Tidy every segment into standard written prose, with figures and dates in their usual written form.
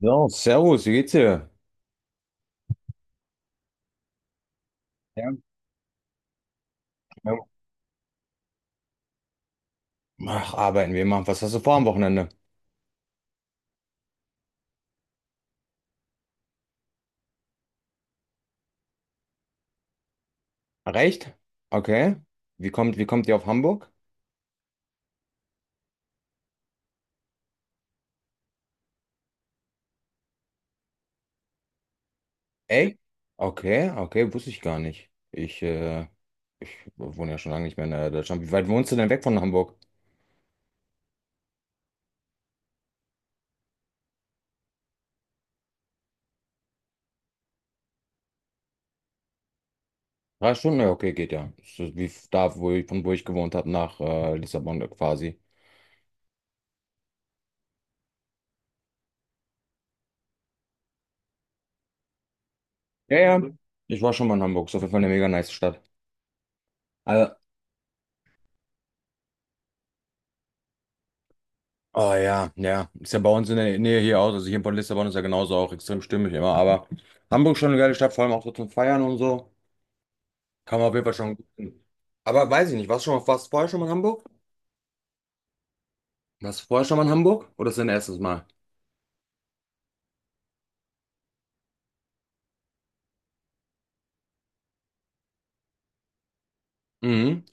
So, servus, wie geht's dir? Ja, ja. Ach, arbeiten wir mal. Was hast du vor am Wochenende? Recht? Okay. Wie kommt ihr auf Hamburg? Ey? Okay, okay, wusste ich gar nicht. Ich wohne ja schon lange nicht mehr in Deutschland. Wie weit wohnst du denn weg von Hamburg? Drei Stunden? Ja, okay, geht ja. Ist das da, von wo ich gewohnt habe, nach Lissabon quasi. Ja, ja. Ich war schon mal in Hamburg. Ist auf jeden Fall eine mega nice Stadt. Also. Oh ja, ja. Ist ja bei uns in der Nähe hier auch. Also hier in Bonn Lissabon ist ja genauso auch extrem stimmig immer. Aber Hamburg schon eine geile Stadt, vor allem auch so zum Feiern und so. Kann man auf jeden Fall schon gut hin. Aber weiß ich nicht, warst du vorher schon mal in Hamburg? Warst du vorher schon mal in Hamburg? Oder ist das dein erstes Mal? Mhm.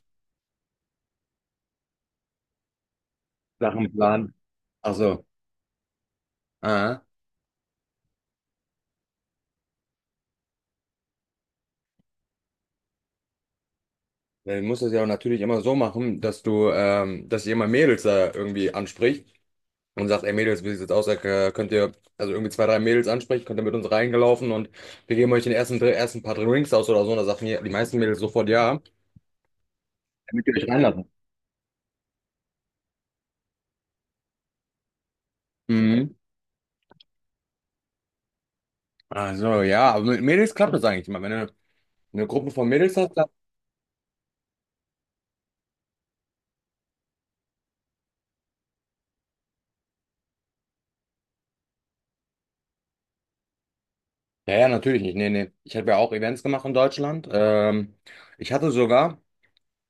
Sachen planen. Ach so. Ah. Dann musst du es ja auch natürlich immer so machen, dass ihr immer Mädels da irgendwie anspricht. Und sagt, ey Mädels, wie sieht's jetzt aus? Könnt ihr also irgendwie zwei, drei Mädels ansprechen, könnt ihr mit uns reingelaufen und wir geben euch den ersten, ersten paar Drinks aus oder so. Und da sagen die meisten Mädels sofort ja, damit ihr euch reinlassen. Mhm. Also ja, aber mit Mädels klappt das eigentlich immer. Wenn du eine Gruppe von Mädels hast, klappt. Ja, ja, natürlich nicht. Nee, nee. Ich habe ja auch Events gemacht in Deutschland. Ich hatte sogar.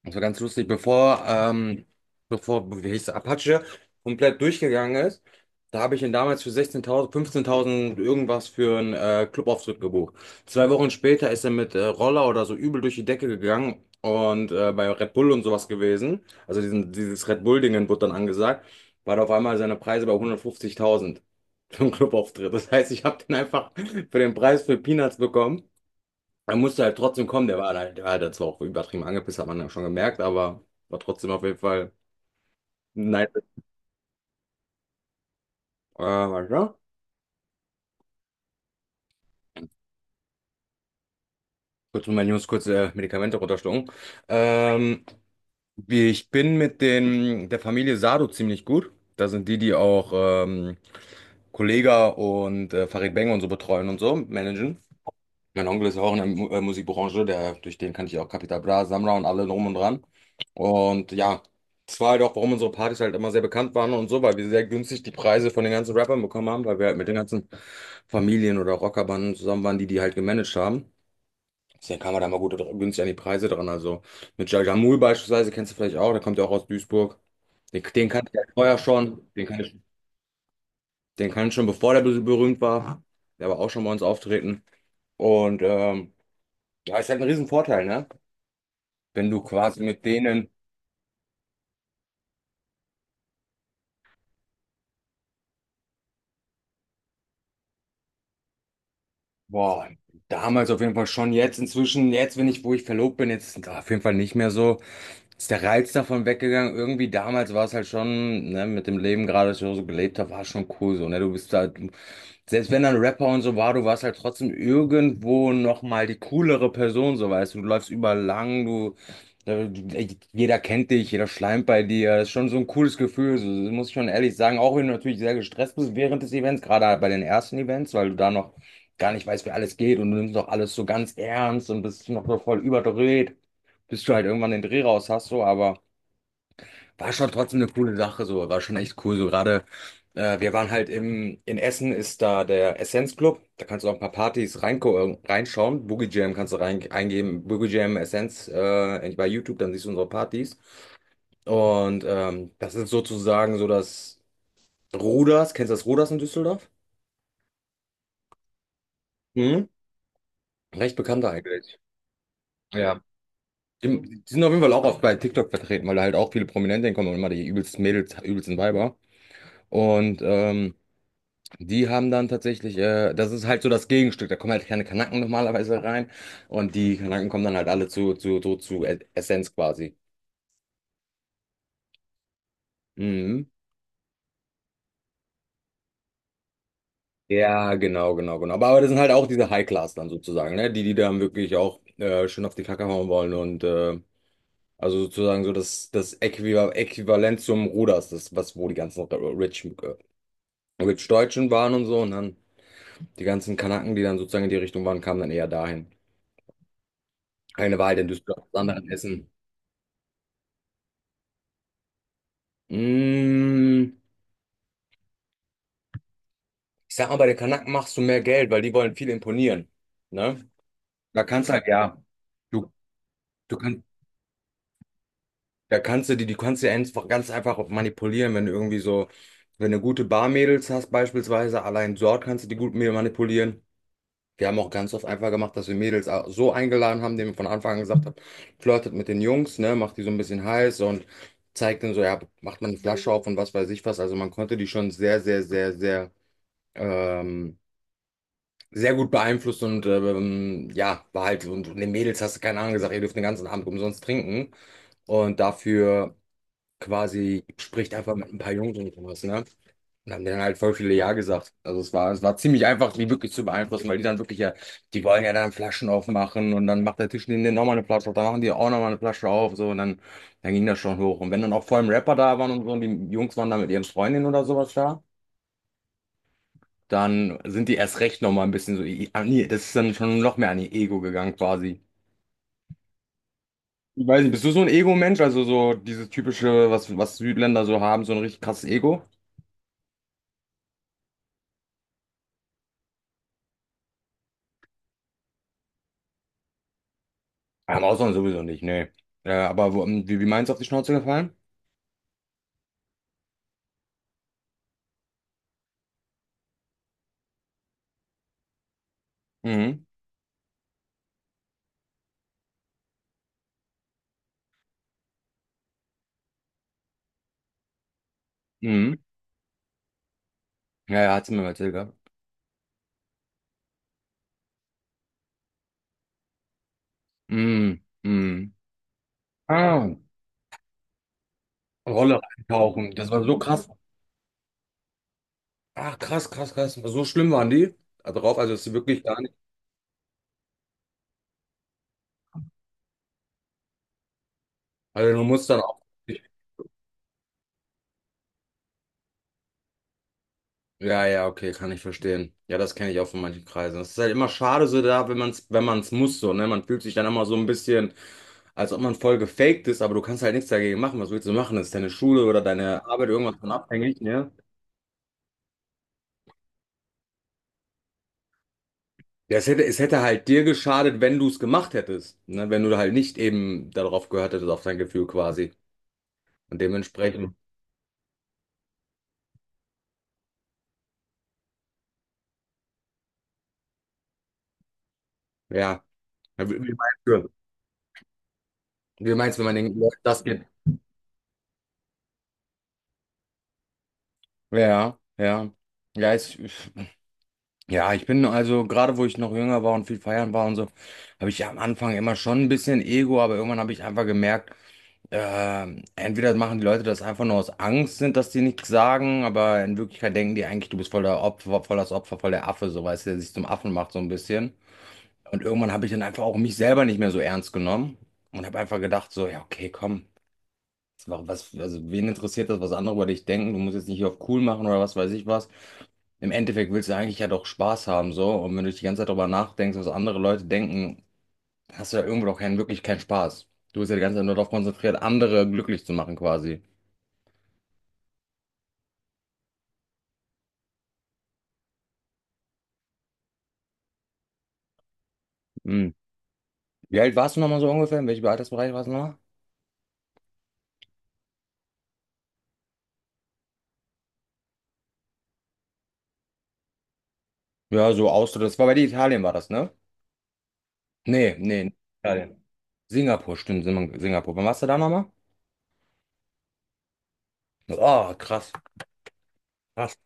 Das war ganz lustig, bevor, wie hieß es, Apache komplett durchgegangen ist, da habe ich ihn damals für 16.000, 15.000 irgendwas für einen Clubauftritt gebucht. Zwei Wochen später ist er mit Roller oder so übel durch die Decke gegangen und bei Red Bull und sowas gewesen, also dieses Red Bull-Dingen wurde dann angesagt, war da auf einmal seine Preise bei 150.000 für einen Clubauftritt. Das heißt, ich habe den einfach für den Preis für Peanuts bekommen. Er musste halt trotzdem kommen, der war halt zwar auch übertrieben angepisst, hat man ja schon gemerkt, aber war trotzdem auf jeden Fall nice. Warte, ja. Kurz mal meine Jungs, kurz Medikamente runterschlucken. Ähm, ich bin mit der Familie Sado ziemlich gut. Da sind die, die auch Kollega und Farid Bang und so betreuen und so, managen. Mein Onkel ist ja auch in der Mu Musikbranche, durch den kannte ich ja auch Capital Bra, Samra und alle drum und dran. Und ja, das war halt auch, warum unsere Partys halt immer sehr bekannt waren und so, weil wir sehr günstig die Preise von den ganzen Rappern bekommen haben, weil wir halt mit den ganzen Familien oder Rockerbanden zusammen waren, die die halt gemanagt haben. Deswegen kam man da mal gut günstig an die Preise dran. Also mit Jal Jamul beispielsweise, kennst du vielleicht auch, der kommt ja auch aus Duisburg. Den kannte ich ja vorher schon, den kannte ich schon bevor der berühmt war. Der war auch schon bei uns auftreten. Und ja, ist halt ein Riesenvorteil, ne? Wenn du quasi mit denen. Boah, damals auf jeden Fall schon. Jetzt inzwischen, wenn ich, wo ich verlobt bin, jetzt ist auf jeden Fall nicht mehr so. Ist der Reiz davon weggegangen. Irgendwie damals war es halt schon, ne, mit dem Leben gerade, das ich so gelebt habe, war schon cool so, ne? Du bist halt, selbst wenn dann Rapper und so war, du warst halt trotzdem irgendwo nochmal die coolere Person, so weißt du. Du läufst überall lang, jeder kennt dich, jeder schleimt bei dir. Das ist schon so ein cooles Gefühl, so, das muss ich schon ehrlich sagen. Auch wenn du natürlich sehr gestresst bist während des Events, gerade bei den ersten Events, weil du da noch gar nicht weißt, wie alles geht und du nimmst doch alles so ganz ernst und bist noch so voll überdreht, bis du halt irgendwann den Dreh raus hast, so, aber war schon trotzdem eine coole Sache, so, war schon echt cool, so gerade, wir waren halt in Essen ist da der Essence Club, da kannst du auch ein paar Partys reinko reinschauen, Boogie Jam kannst du rein eingeben, Boogie Jam Essenz bei YouTube, dann siehst du unsere Partys und das ist sozusagen so das Ruders, kennst du das Ruders in Düsseldorf? Mhm. Recht bekannt eigentlich. Ja. Die die sind auf jeden Fall auch oft bei TikTok vertreten, weil da halt auch viele Prominente hinkommen und immer die übelsten Mädels, übelsten Weiber. Und die haben dann tatsächlich, das ist halt so das Gegenstück, da kommen halt keine Kanaken normalerweise rein und die Kanaken kommen dann halt alle zu Essenz quasi. Mhm. Ja, genau, genau, genau. Aber das sind halt auch diese High-Class dann sozusagen, ne? Die, die dann wirklich auch schön auf die Kacke hauen wollen und also sozusagen so das Äquivalent zum Ruders, das, was wo die ganzen Rich mit Deutschen waren und so und dann die ganzen Kanaken, die dann sozusagen in die Richtung waren, kamen dann eher dahin. Eine Wahl, denn Düsseldorf, das andere in Essen. Mm, ich sag mal, bei den Kanaken machst du mehr Geld, weil die wollen viel imponieren. Ne? Da kannst du halt, ja, du, du kannst, da kannst du die, du kannst du ja einfach ganz einfach auch manipulieren, wenn du irgendwie so, wenn du gute Barmädels hast, beispielsweise, allein dort kannst du die gut manipulieren. Wir haben auch ganz oft einfach gemacht, dass wir Mädels so eingeladen haben, denen wir von Anfang an gesagt haben, flirtet mit den Jungs, ne, macht die so ein bisschen heiß und zeigt denen so, ja, macht man eine Flasche auf und was weiß ich was. Also man konnte die schon sehr, sehr, sehr, sehr, ähm, sehr gut beeinflussen und ja, war halt, und den Mädels hast du keine Ahnung gesagt, ihr dürft den ganzen Abend umsonst trinken. Und dafür quasi spricht einfach mit ein paar Jungs und sowas, ne? Und haben denen halt voll viele Ja gesagt. Also es war ziemlich einfach, die wirklich zu beeinflussen, weil die dann wirklich ja, die wollen ja dann Flaschen aufmachen und dann macht der Tisch neben denen nochmal eine Flasche auf, dann machen die auch nochmal eine Flasche auf, so und dann ging das schon hoch. Und wenn dann auch vor allem Rapper da waren und so und die Jungs waren da mit ihren Freundinnen oder sowas da, dann sind die erst recht nochmal ein bisschen so, das ist dann schon noch mehr an ihr Ego gegangen quasi. Ich weiß nicht, bist du so ein Ego-Mensch? Also so dieses typische, was Südländer so haben, so ein richtig krasses Ego? Ja, im Ausland sowieso nicht, nee. Aber wo, wie meinst du, auf die Schnauze gefallen? Mhm. Mhm. Ja, ja, hat's mir mal erzählt gehabt. Mhm. Mhm. Ah, Rolle reintauchen. Das war so krass. Ach, krass, krass, krass. So schlimm waren die da drauf. Also, es ist wirklich gar nicht. Also, du musst dann auch. Ja, ja, okay, kann ich verstehen. Ja, das kenne ich auch von manchen Kreisen. Es ist halt immer schade so da, wenn man es muss, so, ne? Man fühlt sich dann immer so ein bisschen, als ob man voll gefaked ist, aber du kannst halt nichts dagegen machen. Was willst du machen? Das ist deine Schule oder deine Arbeit irgendwas von abhängig, ne? Ja, es hätte halt dir geschadet, wenn du es gemacht hättest. Ne? Wenn du halt nicht eben darauf gehört hättest, auf dein Gefühl quasi. Und dementsprechend, ja. Ja, wie meinst du, wenn man den Leuten das geht? Ja, ja. Ja, ich bin also, gerade wo ich noch jünger war und viel feiern war und so, habe ich am Anfang immer schon ein bisschen Ego, aber irgendwann habe ich einfach gemerkt, entweder machen die Leute das einfach nur aus Angst, sind, dass die nichts sagen, aber in Wirklichkeit denken die eigentlich, du bist voll der Opfer, voll das Opfer, voll der Affe, so weißt du, der sich zum Affen macht, so ein bisschen. Und irgendwann habe ich dann einfach auch mich selber nicht mehr so ernst genommen und habe einfach gedacht, so, ja, okay, komm, was, also wen interessiert das, was andere über dich denken? Du musst jetzt nicht hier auf cool machen oder was weiß ich was. Im Endeffekt willst du eigentlich ja doch Spaß haben, so. Und wenn du dich die ganze Zeit darüber nachdenkst, was andere Leute denken, da hast du ja irgendwo doch keinen, wirklich keinen Spaß. Du bist ja die ganze Zeit nur darauf konzentriert, andere glücklich zu machen quasi. Hm. Wie alt warst du nochmal so ungefähr? In welchem Altersbereich warst du nochmal? Ja, so Austritt. Das war bei dir Italien, war das, ne? Nee, nee, nicht Italien. Singapur, stimmt, Singapur. Wann warst du da nochmal? Oh, krass, krass.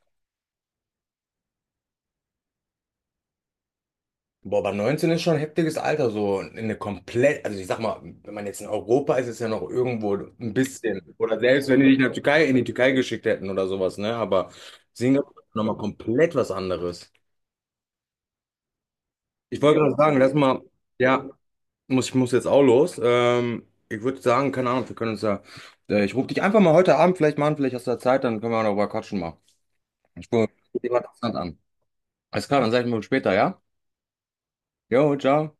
Boah, aber 19 ist schon ein heftiges Alter, so in eine komplett, also ich sag mal, wenn man jetzt in Europa ist, ist ja noch irgendwo ein bisschen. Oder selbst wenn die dich in der Türkei, in die Türkei geschickt hätten oder sowas, ne? Aber Singapur ist nochmal komplett was anderes. Ich wollte gerade sagen, lass mal, ja, ich muss jetzt auch los. Ich würde sagen, keine Ahnung, wir können uns ja, ich rufe dich einfach mal heute Abend vielleicht mal an, vielleicht hast du ja Zeit, dann können wir auch noch mal quatschen mal. Ich rufe jemand interessant an. Alles klar, dann sag ich mal später, ja? Jo, ciao.